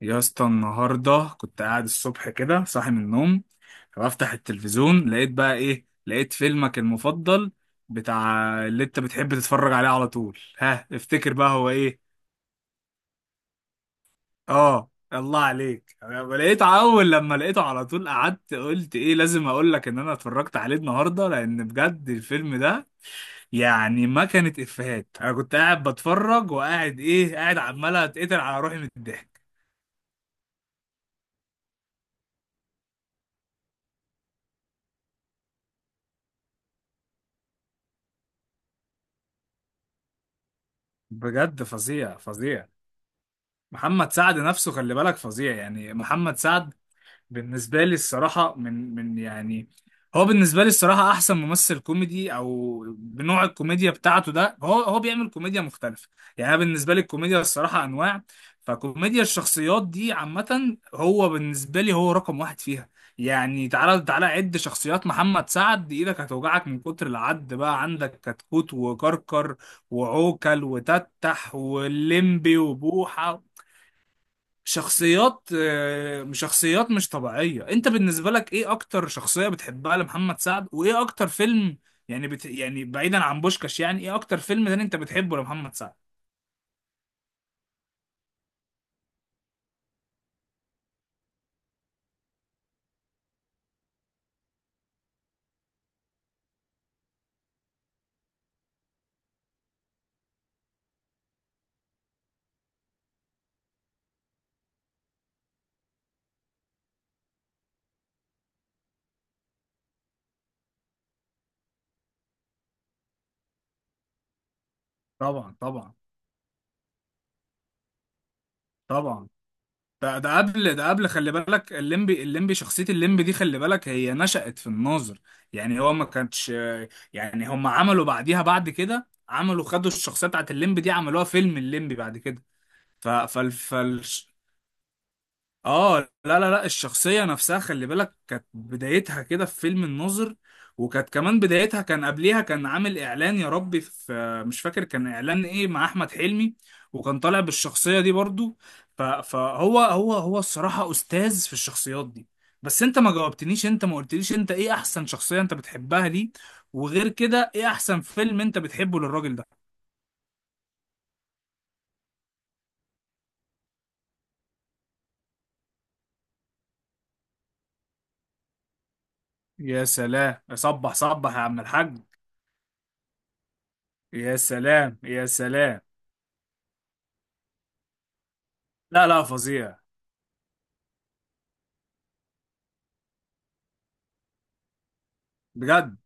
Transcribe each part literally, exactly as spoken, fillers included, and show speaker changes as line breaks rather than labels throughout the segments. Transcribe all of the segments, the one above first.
يا اسطى، النهارده كنت قاعد الصبح كده صاحي من النوم، فبفتح التلفزيون لقيت بقى ايه؟ لقيت فيلمك المفضل، بتاع اللي انت بتحب تتفرج عليه على طول. ها افتكر بقى هو ايه؟ اه الله عليك. لقيت اول لما لقيته على طول قعدت قلت ايه، لازم اقول لك ان انا اتفرجت عليه النهارده، لان بجد الفيلم ده يعني ما كانت افيهات. انا كنت قاعد بتفرج وقاعد ايه، قاعد عمال اتقتل على روحي من الضحك. بجد فظيع فظيع. محمد سعد نفسه خلي بالك، فظيع يعني. محمد سعد بالنسبة لي الصراحة من من يعني، هو بالنسبة لي الصراحة أحسن ممثل كوميدي، أو بنوع الكوميديا بتاعته ده، هو هو بيعمل كوميديا مختلفة. يعني أنا بالنسبة لي الكوميديا الصراحة أنواع، فكوميديا الشخصيات دي عامة هو بالنسبة لي هو رقم واحد فيها. يعني تعالى تعالى عد شخصيات محمد سعد، إيدك هتوجعك من كتر العد. بقى عندك كتكوت وكركر وعوكل وتتح واللمبي وبوحة، شخصيات، آه، شخصيات مش طبيعية. انت بالنسبة لك ايه اكتر شخصية بتحبها لمحمد سعد، وايه اكتر فيلم؟ يعني بت... يعني بعيدا عن بوشكاش، يعني ايه اكتر فيلم تاني انت بتحبه لمحمد سعد؟ طبعا طبعا. طبعا. ده ده قبل ده قبل خلي بالك، الليمبي الليمبي شخصية الليمبي دي خلي بالك هي نشأت في الناظر. يعني هو ما كانش، آه، يعني هم عملوا بعديها، بعد كده عملوا خدوا الشخصية بتاعت الليمبي دي عملوها فيلم الليمبي بعد كده. ف... فال... فال... اه، لا لا لا الشخصية نفسها خلي بالك كانت بدايتها كده في فيلم الناظر. وكانت كمان بدايتها، كان قبليها كان عامل اعلان، يا ربي في، مش فاكر كان اعلان ايه مع احمد حلمي، وكان طالع بالشخصية دي برضو. ف- فهو هو هو الصراحة استاذ في الشخصيات دي. بس انت ما جاوبتنيش، انت ما قلتليش انت ايه احسن شخصية انت بتحبها ليه، وغير كده ايه احسن فيلم انت بتحبه للراجل ده؟ يا سلام. صبح صبح يا عم الحاج. يا سلام يا سلام. لا لا فظيع. بجد.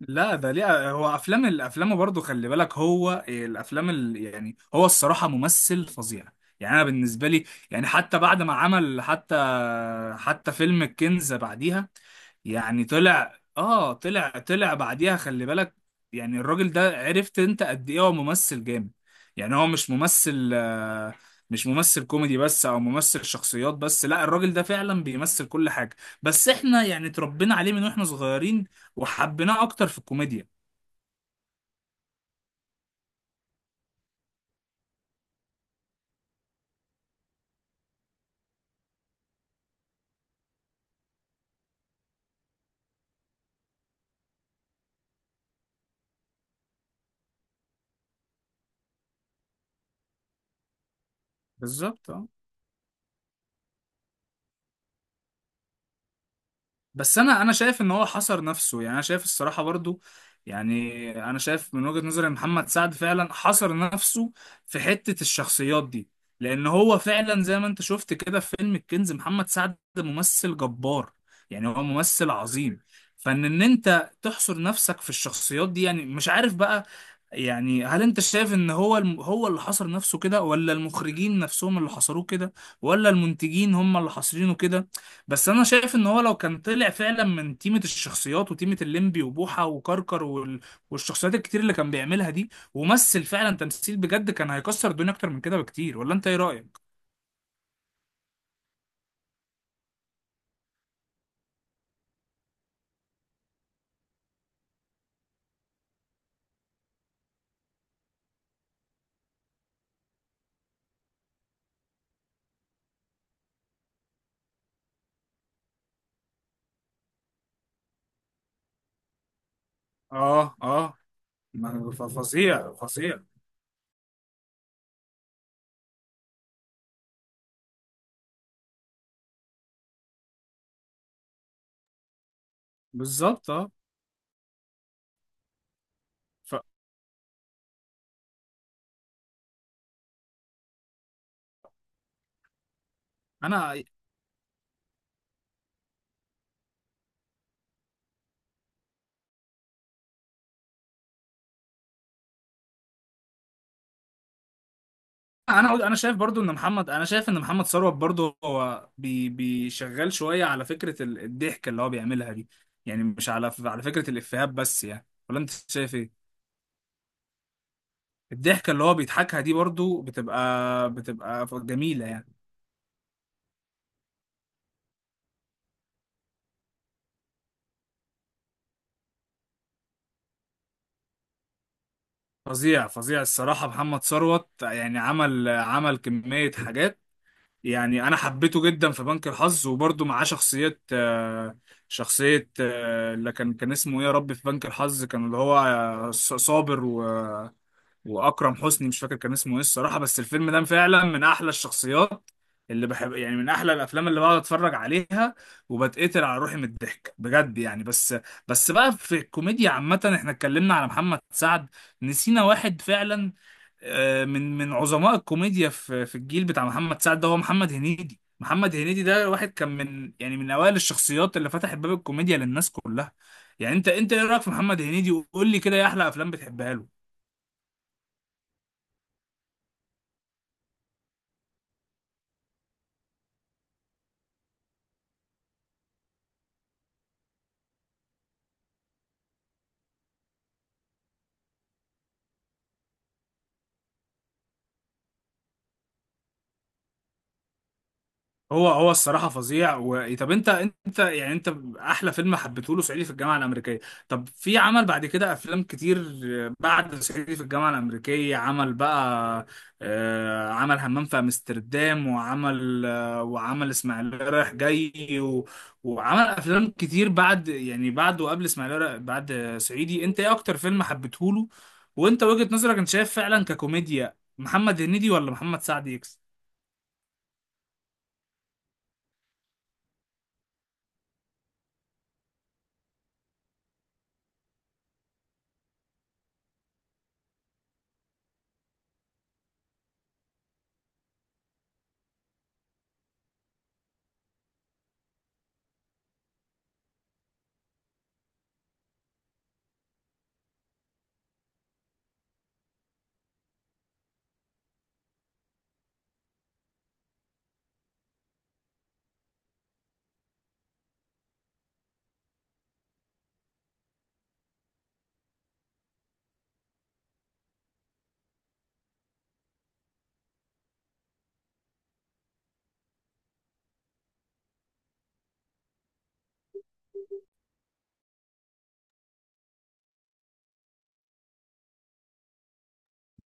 لا ده ليه، هو افلام الافلام برضه خلي بالك، هو الافلام ال... يعني هو الصراحه ممثل فظيع يعني. انا بالنسبه لي يعني، حتى بعد ما عمل، حتى حتى فيلم الكنز بعديها يعني طلع اه طلع طلع بعديها خلي بالك. يعني الراجل ده عرفت انت قد ايه هو ممثل جامد؟ يعني هو مش ممثل، آه، مش ممثل كوميدي بس او ممثل شخصيات بس، لا الراجل ده فعلا بيمثل كل حاجة. بس احنا يعني اتربينا عليه من واحنا صغيرين، وحبيناه اكتر في الكوميديا. بالظبط، اه. بس انا انا شايف ان هو حصر نفسه، يعني انا شايف الصراحه برضو، يعني انا شايف من وجهه نظري إن محمد سعد فعلا حصر نفسه في حته الشخصيات دي. لان هو فعلا زي ما انت شفت كده في فيلم الكنز، محمد سعد ممثل جبار، يعني هو ممثل عظيم. فان ان انت تحصر نفسك في الشخصيات دي، يعني مش عارف بقى. يعني هل انت شايف ان هو الم... هو اللي حصر نفسه كده، ولا المخرجين نفسهم اللي حصروه كده، ولا المنتجين هم اللي حاصرينه كده؟ بس انا شايف ان هو لو كان طلع فعلا من تيمة الشخصيات وتيمة الليمبي وبوحة وكركر وال... والشخصيات الكتير اللي كان بيعملها دي، ومثل فعلا تمثيل بجد، كان هيكسر الدنيا اكتر من كده بكتير. ولا انت ايه رأيك؟ اه اه. ما- ف- فظيع فظيع. بالظبط، اه. فانا انا انا شايف برضو ان محمد انا شايف ان محمد ثروت برضو هو بي... بيشغال شوية على فكرة ال- الضحك اللي هو بيعملها دي. يعني مش على على فكرة الإفيهات بس، يعني ولا انت شايف ايه؟ الضحكة اللي هو بيضحكها دي برضو بتبقى بتبقى ف- جميلة يعني. فظيع فظيع الصراحة محمد ثروت، يعني عمل عمل كمية حاجات. يعني أنا حبيته جدا في بنك الحظ، وبرضو معاه شخصية، آه، شخصية، آه، اللي كان كان اسمه إيه، يا ربي في بنك الحظ كان اللي هو آه، ص- صابر، و واكرم حسني، مش فاكر كان اسمه ايه الصراحه، بس الفيلم ده فعلا من احلى الشخصيات اللي بحب. يعني من احلى الافلام اللي بقعد اتفرج عليها، وبتقتل على روحي من الضحك بجد يعني. بس بس بقى في الكوميديا عامه، احنا اتكلمنا على محمد سعد، نسينا واحد فعلا، آه، من من عظماء الكوميديا في في الجيل بتاع محمد سعد ده، هو محمد هنيدي. محمد هنيدي ده واحد كان من، يعني من اوائل الشخصيات اللي فتحت باب الكوميديا للناس كلها. يعني انت انت ايه رايك في محمد هنيدي، وقول لي كده ايه احلى افلام بتحبها له؟ هو هو الصراحه فظيع و... طب انت، انت يعني انت احلى فيلم حبيته له صعيدي في الجامعه الامريكيه. طب في عمل بعد كده افلام كتير، بعد صعيدي في الجامعه الامريكيه عمل بقى، آه، عمل همام في امستردام، وعمل آه، وعمل اسماعيليه رايح جاي و... وعمل افلام كتير بعد، يعني بعد وقبل اسماعيليه رايح- بعد آه، صعيدي. انت ايه اكتر فيلم حبيته له، وانت وجهة نظرك، انت شايف فعلا ككوميديا محمد هنيدي ولا محمد سعد؟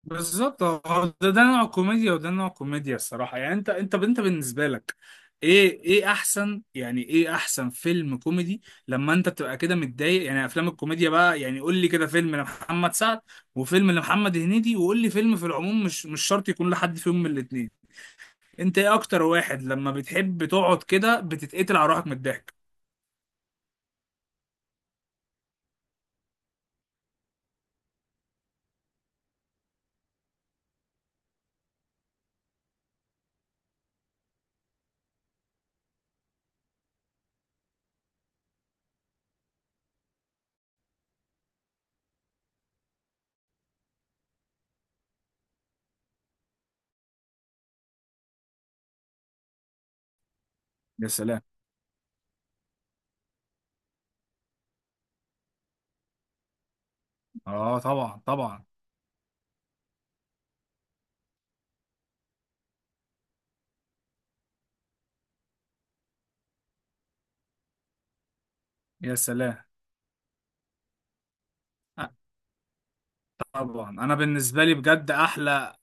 بالظبط. هو ده ده نوع كوميديا وده نوع كوميديا الصراحة. يعني انت انت انت بالنسبة لك ايه ايه احسن، يعني ايه احسن فيلم كوميدي لما انت بتبقى كده متضايق؟ يعني افلام الكوميديا بقى، يعني قول لي كده فيلم لمحمد سعد، وفيلم لمحمد هنيدي، وقول لي فيلم في العموم، مش مش شرط يكون لحد فيهم من الاتنين. انت ايه اكتر واحد لما بتحب تقعد كده بتتقتل على روحك من الضحك؟ يا سلام. اه طبعا طبعا. يا سلام. آه، طبعا، انا بالنسبة لي بجد احلى،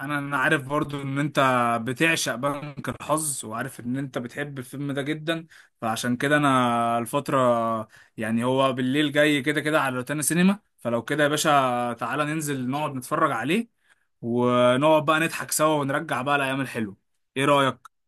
انا انا عارف برضو ان انت بتعشق بنك الحظ، وعارف ان انت بتحب الفيلم ده جدا، فعشان كده انا الفترة، يعني هو بالليل جاي كده كده على روتانا سينما، فلو كده يا باشا تعالى ننزل نقعد نتفرج عليه، ونقعد بقى نضحك سوا ونرجع بقى الايام الحلوة. ايه رأيك؟